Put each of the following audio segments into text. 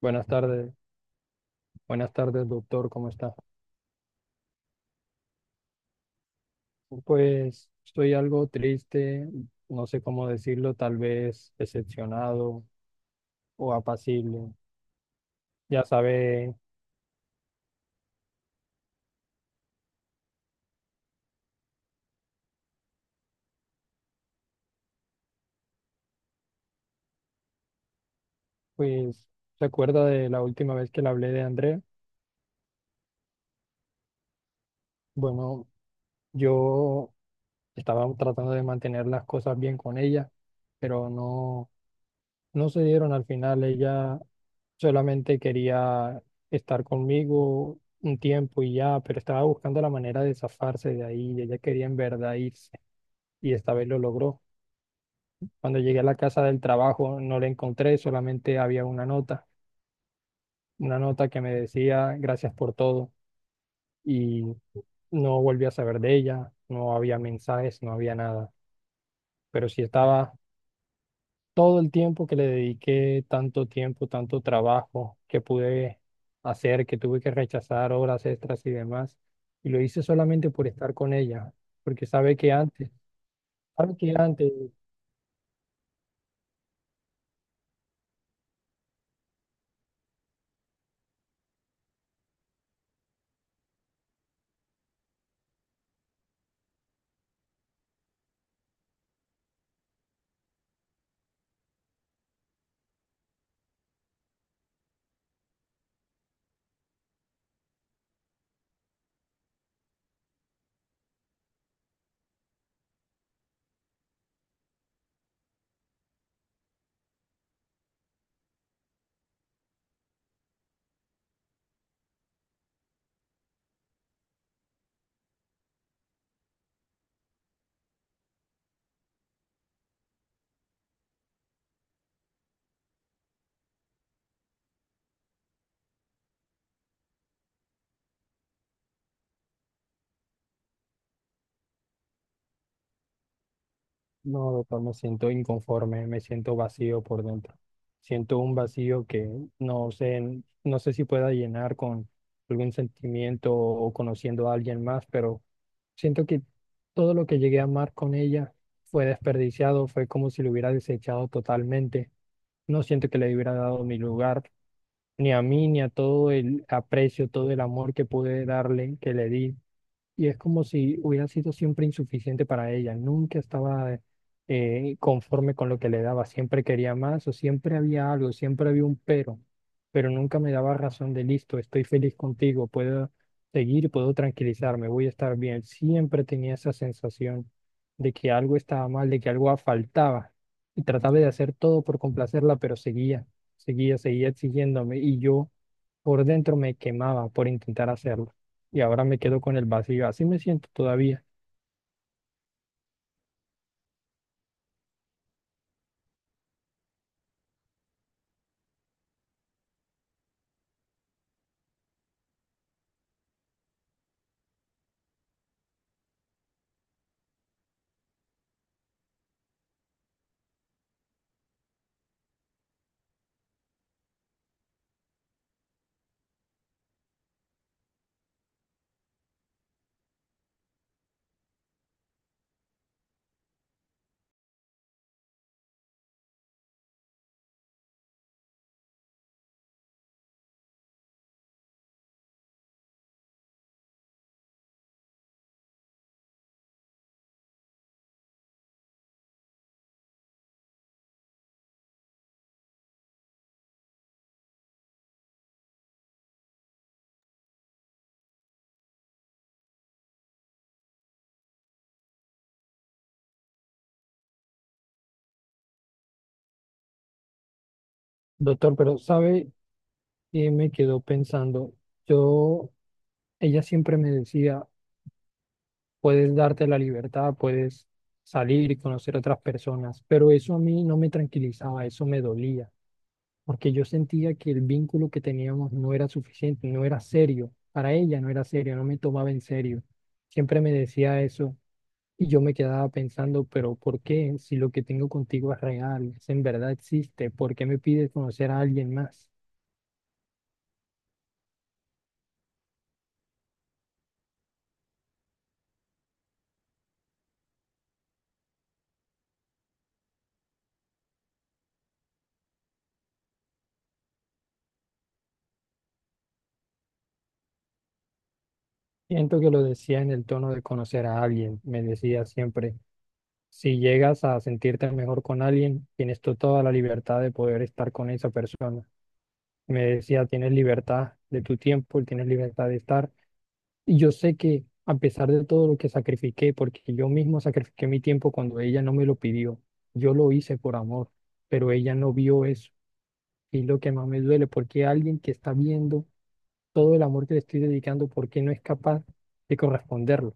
Buenas tardes, buenas tardes, doctor, ¿cómo está? Pues estoy algo triste, no sé cómo decirlo, tal vez decepcionado o apacible. Ya sabe, pues, ¿se acuerda de la última vez que le hablé de André? Bueno, yo estaba tratando de mantener las cosas bien con ella, pero no, no se dieron al final. Ella solamente quería estar conmigo un tiempo y ya, pero estaba buscando la manera de zafarse de ahí y ella quería en verdad irse y esta vez lo logró. Cuando llegué a la casa del trabajo no la encontré, solamente había una nota que me decía gracias por todo y no volví a saber de ella, no había mensajes, no había nada, pero sí estaba todo el tiempo que le dediqué, tanto tiempo, tanto trabajo que pude hacer, que tuve que rechazar horas extras y demás. Y lo hice solamente por estar con ella, porque sabe que antes. No, doctor, me siento inconforme, me siento vacío por dentro. Siento un vacío que no sé si pueda llenar con algún sentimiento o conociendo a alguien más, pero siento que todo lo que llegué a amar con ella fue desperdiciado, fue como si lo hubiera desechado totalmente. No siento que le hubiera dado mi lugar, ni a mí, ni a todo el aprecio, todo el amor que pude darle, que le di y es como si hubiera sido siempre insuficiente para ella, nunca estaba conforme con lo que le daba, siempre quería más o siempre había algo, siempre había un pero nunca me daba razón de listo, estoy feliz contigo, puedo seguir, puedo tranquilizarme, voy a estar bien. Siempre tenía esa sensación de que algo estaba mal, de que algo faltaba y trataba de hacer todo por complacerla, pero seguía exigiéndome y yo por dentro me quemaba por intentar hacerlo y ahora me quedo con el vacío. Así me siento todavía. Doctor, pero sabe, me quedo pensando, yo, ella siempre me decía, puedes darte la libertad, puedes salir y conocer otras personas, pero eso a mí no me tranquilizaba, eso me dolía, porque yo sentía que el vínculo que teníamos no era suficiente, no era serio, para ella no era serio, no me tomaba en serio. Siempre me decía eso. Y yo me quedaba pensando, pero ¿por qué? Si lo que tengo contigo es real, si en verdad existe, ¿por qué me pides conocer a alguien más? Siento que lo decía en el tono de conocer a alguien. Me decía siempre, si llegas a sentirte mejor con alguien, tienes tú toda la libertad de poder estar con esa persona. Me decía, tienes libertad de tu tiempo, tienes libertad de estar. Y yo sé que a pesar de todo lo que sacrifiqué, porque yo mismo sacrifiqué mi tiempo cuando ella no me lo pidió, yo lo hice por amor, pero ella no vio eso. Y lo que más me duele, porque alguien que está viendo todo el amor que le estoy dedicando, ¿por qué no es capaz de corresponderlo?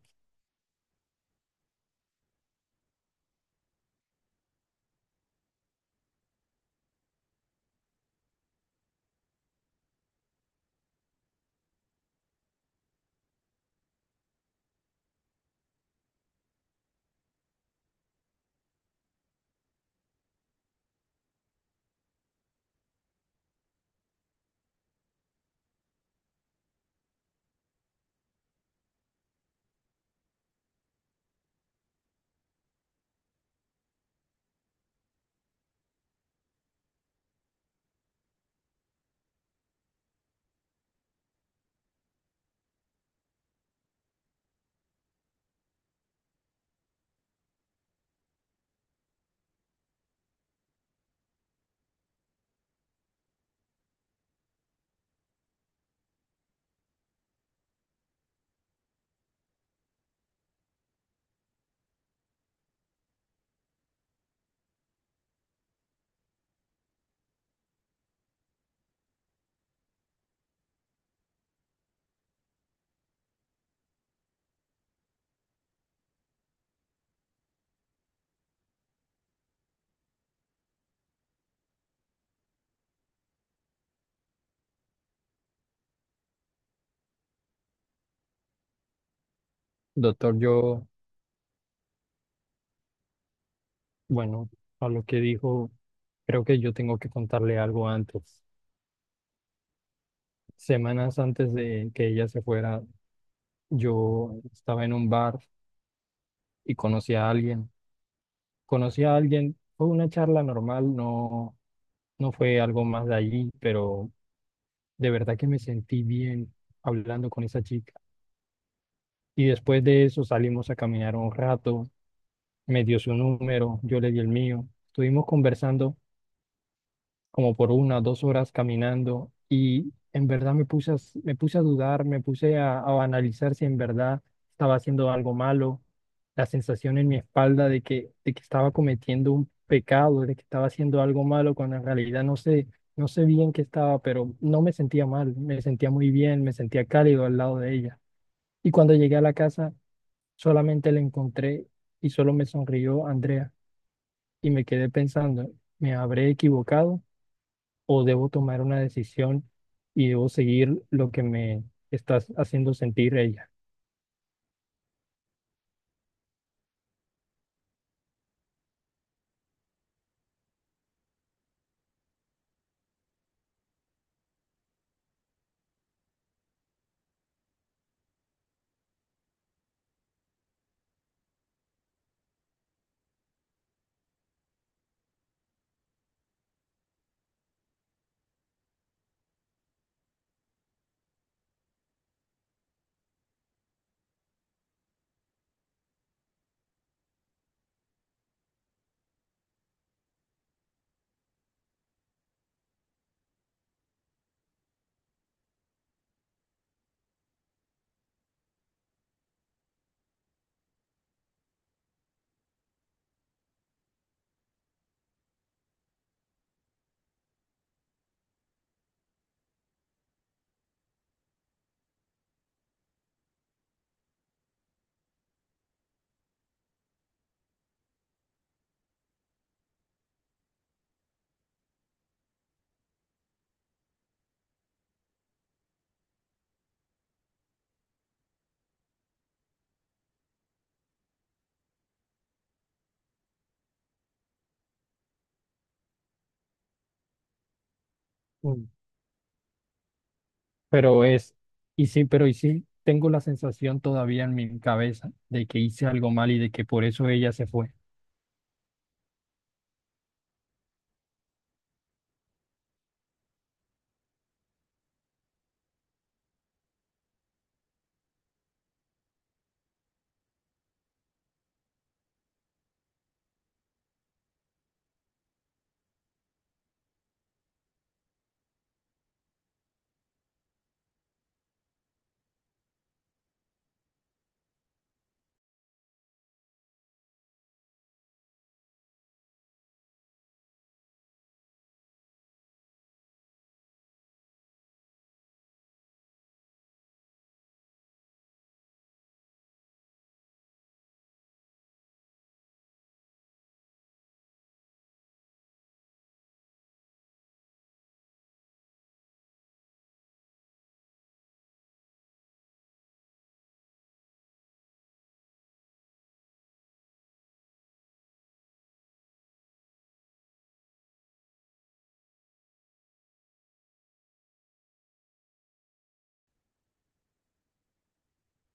Doctor, yo, bueno, a lo que dijo, creo que yo tengo que contarle algo antes. Semanas antes de que ella se fuera, yo estaba en un bar y conocí a alguien. Conocí a alguien, fue una charla normal, no fue algo más de allí, pero de verdad que me sentí bien hablando con esa chica. Y después de eso salimos a caminar un rato, me dio su número, yo le di el mío. Estuvimos conversando como por una o dos horas caminando y en verdad me puse a, me puse a dudar, me puse a analizar si en verdad estaba haciendo algo malo, la sensación en mi espalda de de que estaba cometiendo un pecado, de que estaba haciendo algo malo, cuando en realidad no sé bien qué estaba, pero no me sentía mal, me sentía muy bien, me sentía cálido al lado de ella. Y cuando llegué a la casa, solamente la encontré y solo me sonrió Andrea y me quedé pensando, ¿me habré equivocado o debo tomar una decisión y debo seguir lo que me está haciendo sentir ella? Mm. Pero y sí, tengo la sensación todavía en mi cabeza de que hice algo mal y de que por eso ella se fue.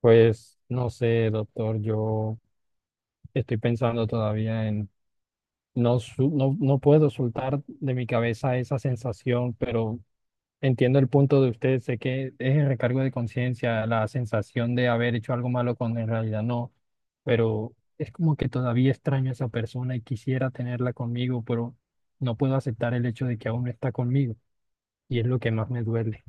Pues no sé, doctor, yo estoy pensando todavía en, no, no, no puedo soltar de mi cabeza esa sensación, pero... Entiendo el punto de usted, sé que es el recargo de conciencia, la sensación de haber hecho algo malo cuando en realidad no, pero es como que todavía extraño a esa persona y quisiera tenerla conmigo, pero no puedo aceptar el hecho de que aún no está conmigo y es lo que más me duele.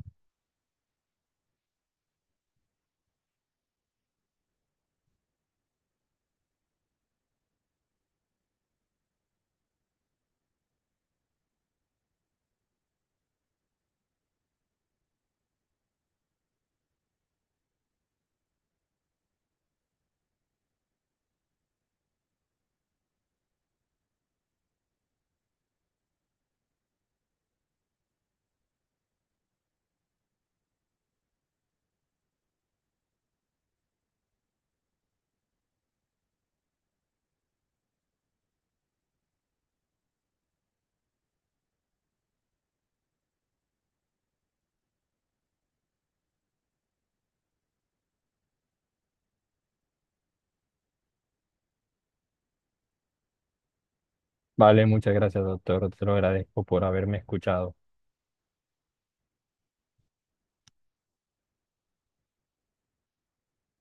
Vale, muchas gracias, doctor, te lo agradezco por haberme escuchado.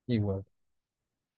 Igual.